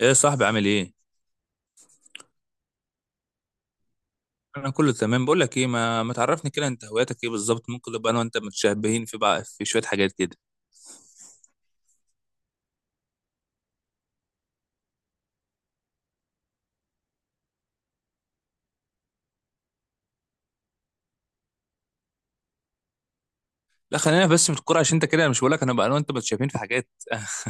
ايه يا صاحبي، عامل ايه؟ انا كله تمام. بقول لك ايه، ما تعرفني كده، انت هواياتك ايه بالظبط؟ ممكن نبقى انا وانت متشابهين في شويه حاجات كده. لا، خلينا بس في الكوره عشان انت كده. انا مش بقول لك انا انا وانت متشابهين في حاجات.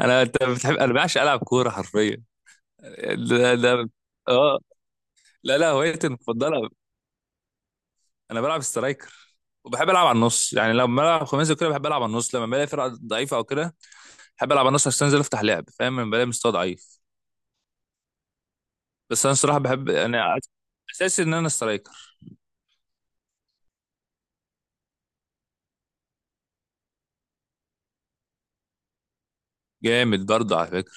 انت بتحب، انا بعشق العب كوره حرفيا. ده. اه. لا لا، هوايتي المفضله انا بلعب سترايكر. وبحب العب على النص، يعني لما بلعب خماسي وكده بحب العب على النص لما بلاقي فرقه ضعيفه او كده. بحب العب على النص عشان انزل افتح لعب، فاهم؟ لما بلاقي مستوى ضعيف. بس انا الصراحه بحب انا اساسي ان انا سترايكر. جامد برضه على فكره.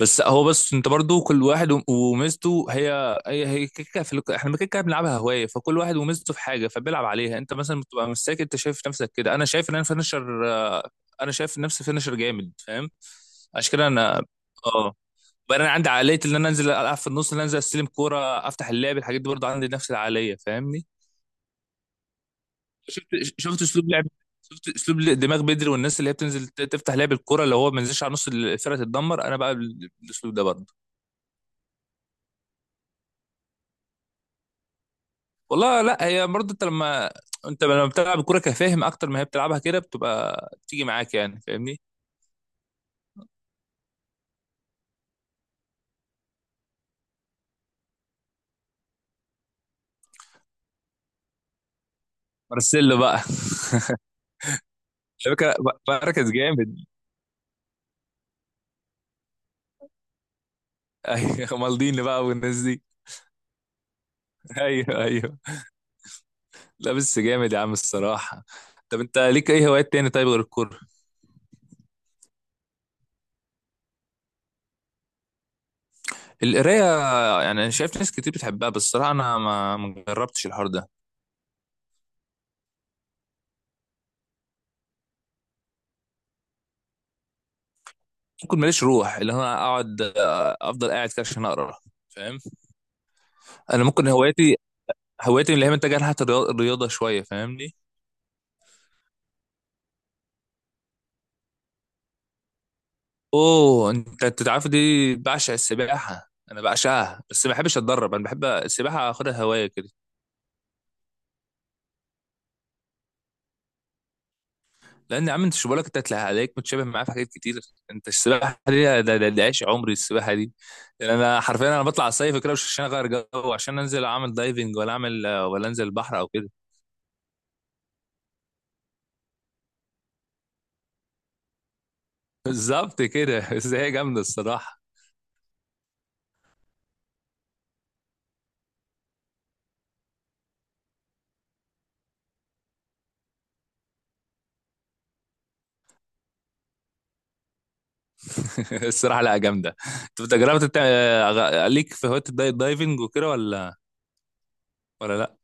بس انت برضه كل واحد و- وميزته هي كيكه، احنا كيكه بنلعبها هوايه، فكل واحد وميزته في حاجه فبيلعب عليها. انت مثلا بتبقى مستني، انت شايف نفسك كده، انا شايف ان انا فينشر. انا شايف نفسي فينشر جامد، فاهم؟ عشان كده انا اه بقى انا عندي عقليه ان انا انزل العب في النص، ان انا انزل استلم كوره افتح اللعب، الحاجات دي برضه عندي نفس العقليه، فاهمني؟ شفت شفت اسلوب لعب، شفت اسلوب دماغ بدري. والناس اللي هي بتنزل تفتح لعب الكرة، اللي هو ما ينزلش على نص الفرقه تتدمر. انا بقى بالاسلوب ده برضه. والله لا، هي برضه انت لما بتلعب الكوره كفاهم اكتر ما هي بتلعبها كده، بتبقى بتيجي معاك، يعني فاهمني؟ مارسيلو بقى على فكره بركز جامد ايوه، مالديني بقى والناس دي. ايوه ايوه. لا بس جامد يا عم الصراحه. طب انت ليك اي هوايات تاني طيب غير الكوره؟ القرايه؟ يعني انا شايف ناس كتير بتحبها، بس الصراحه انا ما جربتش الحوار ده. ممكن ماليش روح اللي انا اقعد آه، افضل قاعد كده عشان اقرا، فاهم؟ انا ممكن هوايتي اللي هي متجهه ناحيه الرياضه شويه، فاهمني؟ اوه انت تعرف دي، بعشق السباحه، انا بعشقها، بس ما بحبش اتدرب. انا بحب السباحه اخدها هوايه كده. لان يا عم انت شو بالك، انت هتلاقي عليك متشابه معايا في حاجات كتير. انت السباحه دي، ده عيش عمري السباحه دي. يعني انا حرفيا انا بطلع الصيف كده مش عشان اغير جو، عشان انزل اعمل دايفنج، ولا اعمل، ولا انزل البحر او كده. بالظبط كده بس هي جامده الصراحه. الصراحه لا جامده. طب انت جربت بتاع، ليك في هوايه الدايت دايفنج وكده ولا؟ ولا لا.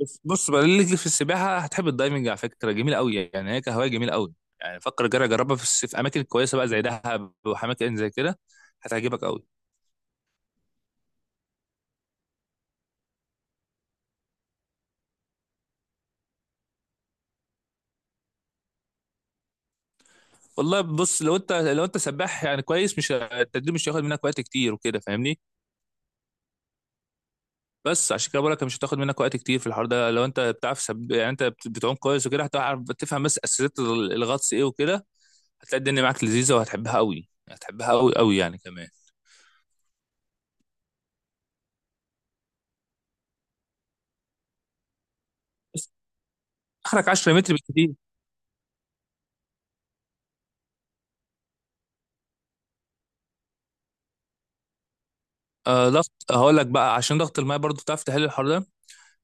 بص، بص بقى، ليك في السباحه هتحب الدايفنج على فكره. جميله قوي يعني، هي كهوايه جميله قوي. يعني فكر، جرب جربها في اماكن كويسه بقى زي دهب واماكن زي كده. هتعجبك قوي. والله، بص لو انت سباح يعني كويس، مش التدريب مش هياخد منك وقت كتير وكده، فاهمني؟ بس عشان كده بقول لك مش هتاخد منك وقت كتير في الحوار ده، لو انت بتعرف يعني انت بتعوم كويس وكده، هتعرف تفهم بس اساسيات الغطس ايه وكده. هتلاقي الدنيا معاك لذيذة وهتحبها قوي، هتحبها قوي قوي يعني كمان. بس اخرك 10 متر بالكتير. ضغط، هقول لك بقى عشان ضغط الماء برضو تعرف تحل الحوار ده.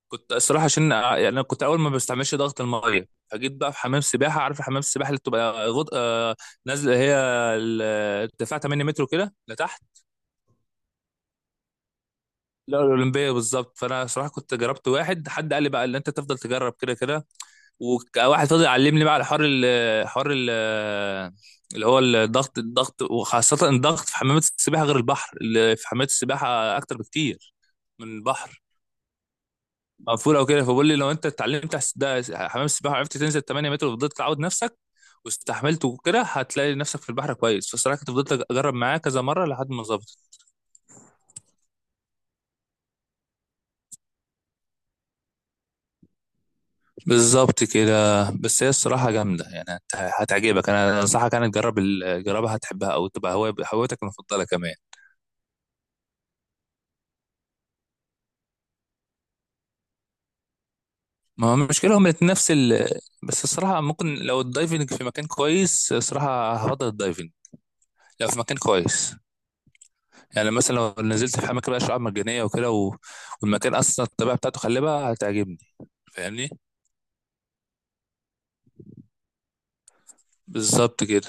كنت الصراحة عشان يعني أنا كنت أول ما بستعملش ضغط المية، فجيت بقى في حمام سباحة. عارف حمام السباحة اللي بتبقى غط... آه نازلة هي ال- ارتفاع 8 متر كده لتحت. لا، الأولمبية بالظبط. فأنا صراحة كنت جربت، حد قال لي بقى اللي أنت تفضل تجرب كده كده، وواحد فضل يعلمني بقى على حوار اللي هو الضغط وخاصة الضغط في حمامات السباحة غير البحر، اللي في حمامات السباحة أكتر بكتير من البحر. مقفول أو كده، فبقول لي لو أنت اتعلمت على ده حمام السباحة وعرفت تنزل 8 متر وفضلت تعود نفسك واستحملت وكده، هتلاقي نفسك في البحر كويس. فالصراحة كنت فضلت أجرب معاه كذا مرة لحد ما ظبطت. بالظبط كده. بس هي الصراحة جامدة، يعني هتعجبك. أنا أنصحك تجرب، تجربها، هتحبها أو تبقى هوايتك المفضلة كمان. ما هو المشكلة هم الاتنين نفس. بس الصراحة ممكن لو الدايفنج في مكان كويس، الصراحة هفضل الدايفنج لو في مكان كويس. يعني مثلا لو نزلت في أماكن بقى شعاب مرجانية وكده، والمكان أصلا الطبيعة بتاعته خلابة هتعجبني، فاهمني؟ بالظبط كده.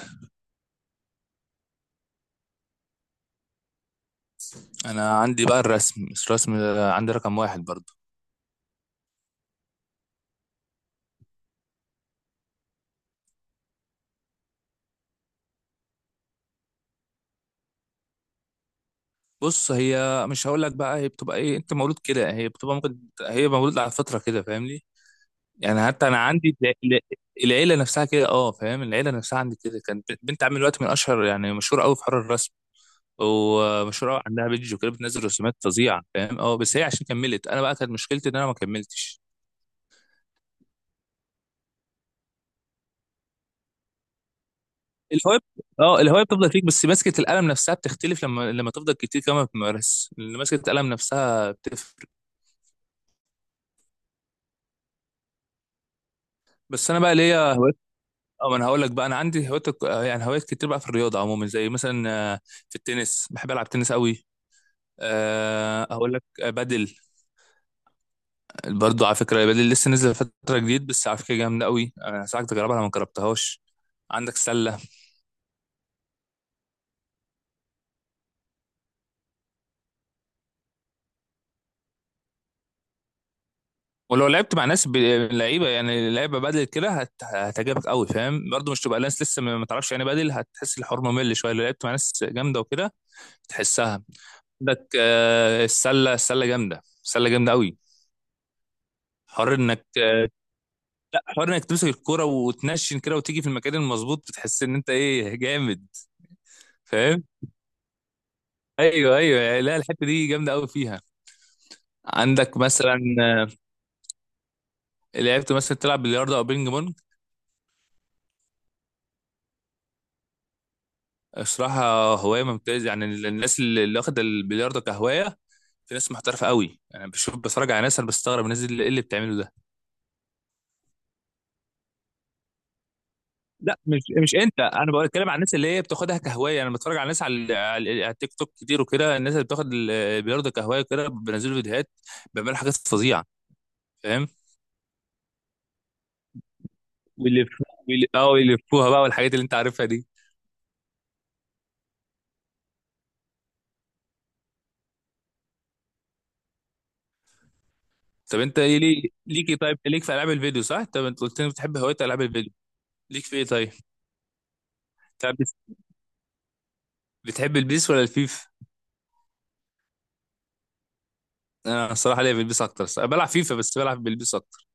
أنا عندي بقى الرسم، بس الرسم ده عندي رقم واحد برضه. بص، هي مش هقول لك بقى، هي بتبقى ايه، انت مولود كده، هي بتبقى ممكن هي مولود على فترة كده، فاهمني؟ يعني حتى انا عندي العيله نفسها كده، فاهم؟ العيله نفسها عندي كده كانت بنت عامل دلوقتي من اشهر، يعني مشهوره قوي في حوار الرسم، ومشهوره قوي، عندها بيج وكده بتنزل رسومات فظيعه فاهم. اه بس هي عشان كملت، انا بقى كانت مشكلتي ان انا ما كملتش الهوايه. اه الهوايه بتفضل فيك، بس ماسكه القلم نفسها بتختلف. لما تفضل كتير كمان بتمارس، اللي ماسكه القلم نفسها بتفرق. بس انا بقى ليا هوايات. اه ما انا هقول لك بقى انا عندي هوايات، يعني هوايات كتير بقى في الرياضه عموما، زي مثلا في التنس بحب العب تنس قوي. هقول لك بدل. برضو على فكرة بدل لسه نزل فترة جديد، بس على فكرة جامدة قوي، أنا هساعدك تجربها لو ما جربتهاش. عندك سلة. ولو لعبت مع ناس لعيبة بدل كده هتعجبك قوي فاهم، برضو مش تبقى ناس لسه ما تعرفش يعني، بدل هتحس الحوار ممل شوية لو لعبت مع ناس جامدة وكده تحسها. عندك السلة جامدة، السلة جامدة قوي. حر انك حر انك تمسك الكرة وتنشن كده وتيجي في المكان المظبوط، بتحس ان انت ايه، جامد فاهم؟ ايوه ايوه. لا الحتة دي جامدة قوي فيها. عندك مثلا، لعبت مثلا تلعب بلياردو او بينج بونج؟ الصراحه هوايه ممتازه، يعني الناس اللي واخده البلياردو كهوايه، في ناس محترفه قوي، يعني بشوف بتفرج على ناس، انا بستغرب الناس اللي ايه اللي بتعمله ده. لا مش، انت، انا بتكلم عن الناس اللي هي بتاخدها كهوايه. يعني انا بتفرج على ناس على التيك توك كتير وكده، الناس اللي بتاخد البلياردو كهوايه كده بينزلوا فيديوهات، بيعملوا حاجات فظيعه فاهم. ويلفوها، يلفوها بقى والحاجات اللي انت عارفها دي. طب انت ايه ليك ايه؟ طيب ليك في العاب الفيديو صح؟ طب انت قلت لي بتحب هوايه العاب الفيديو، ليك في ايه طيب؟ بتحب البيس ولا الفيفا؟ انا الصراحه ليا في البيس اكتر الصراحة. بلعب فيفا، بس بلعب بالبيس اكتر.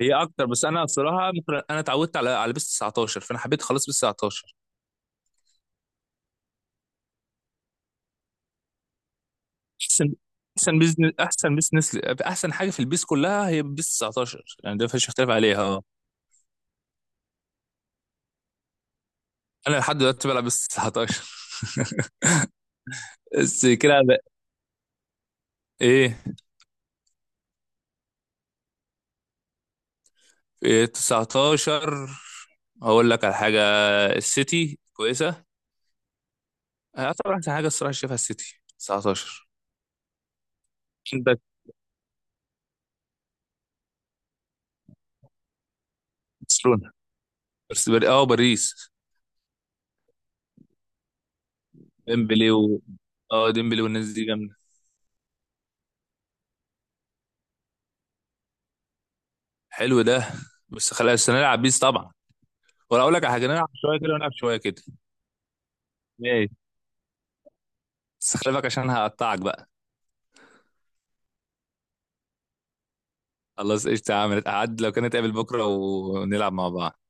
هي اكتر، بس انا الصراحه ممكن انا اتعودت على بيس 19، فانا حبيت خلاص بيس 19. احسن احسن بيزنس، احسن بيزنس، احسن حاجه في البيس كلها هي بيس 19 يعني، ده مفيش اختلاف عليها، اه. انا لحد دلوقتي بلعب بيس 19. بس كده بقى. ايه إيه، 19. هقول لك على حاجه، السيتي كويسه. اعتبر احسن حاجه الصراحه شايفها السيتي 19. عندك برشلونه، بس بر... اه باريس. ديمبلي و اه ديمبلي والناس دي جامده. حلو ده، بس خلاص بس نلعب بيس طبعا. ولا اقول لك على حاجه، نلعب شويه كده ونلعب شويه كده. ماشي. بس خلي بالك عشان هقطعك بقى. خلاص قشطه، عملت قعد لو كانت قابل بكره ونلعب مع بعض.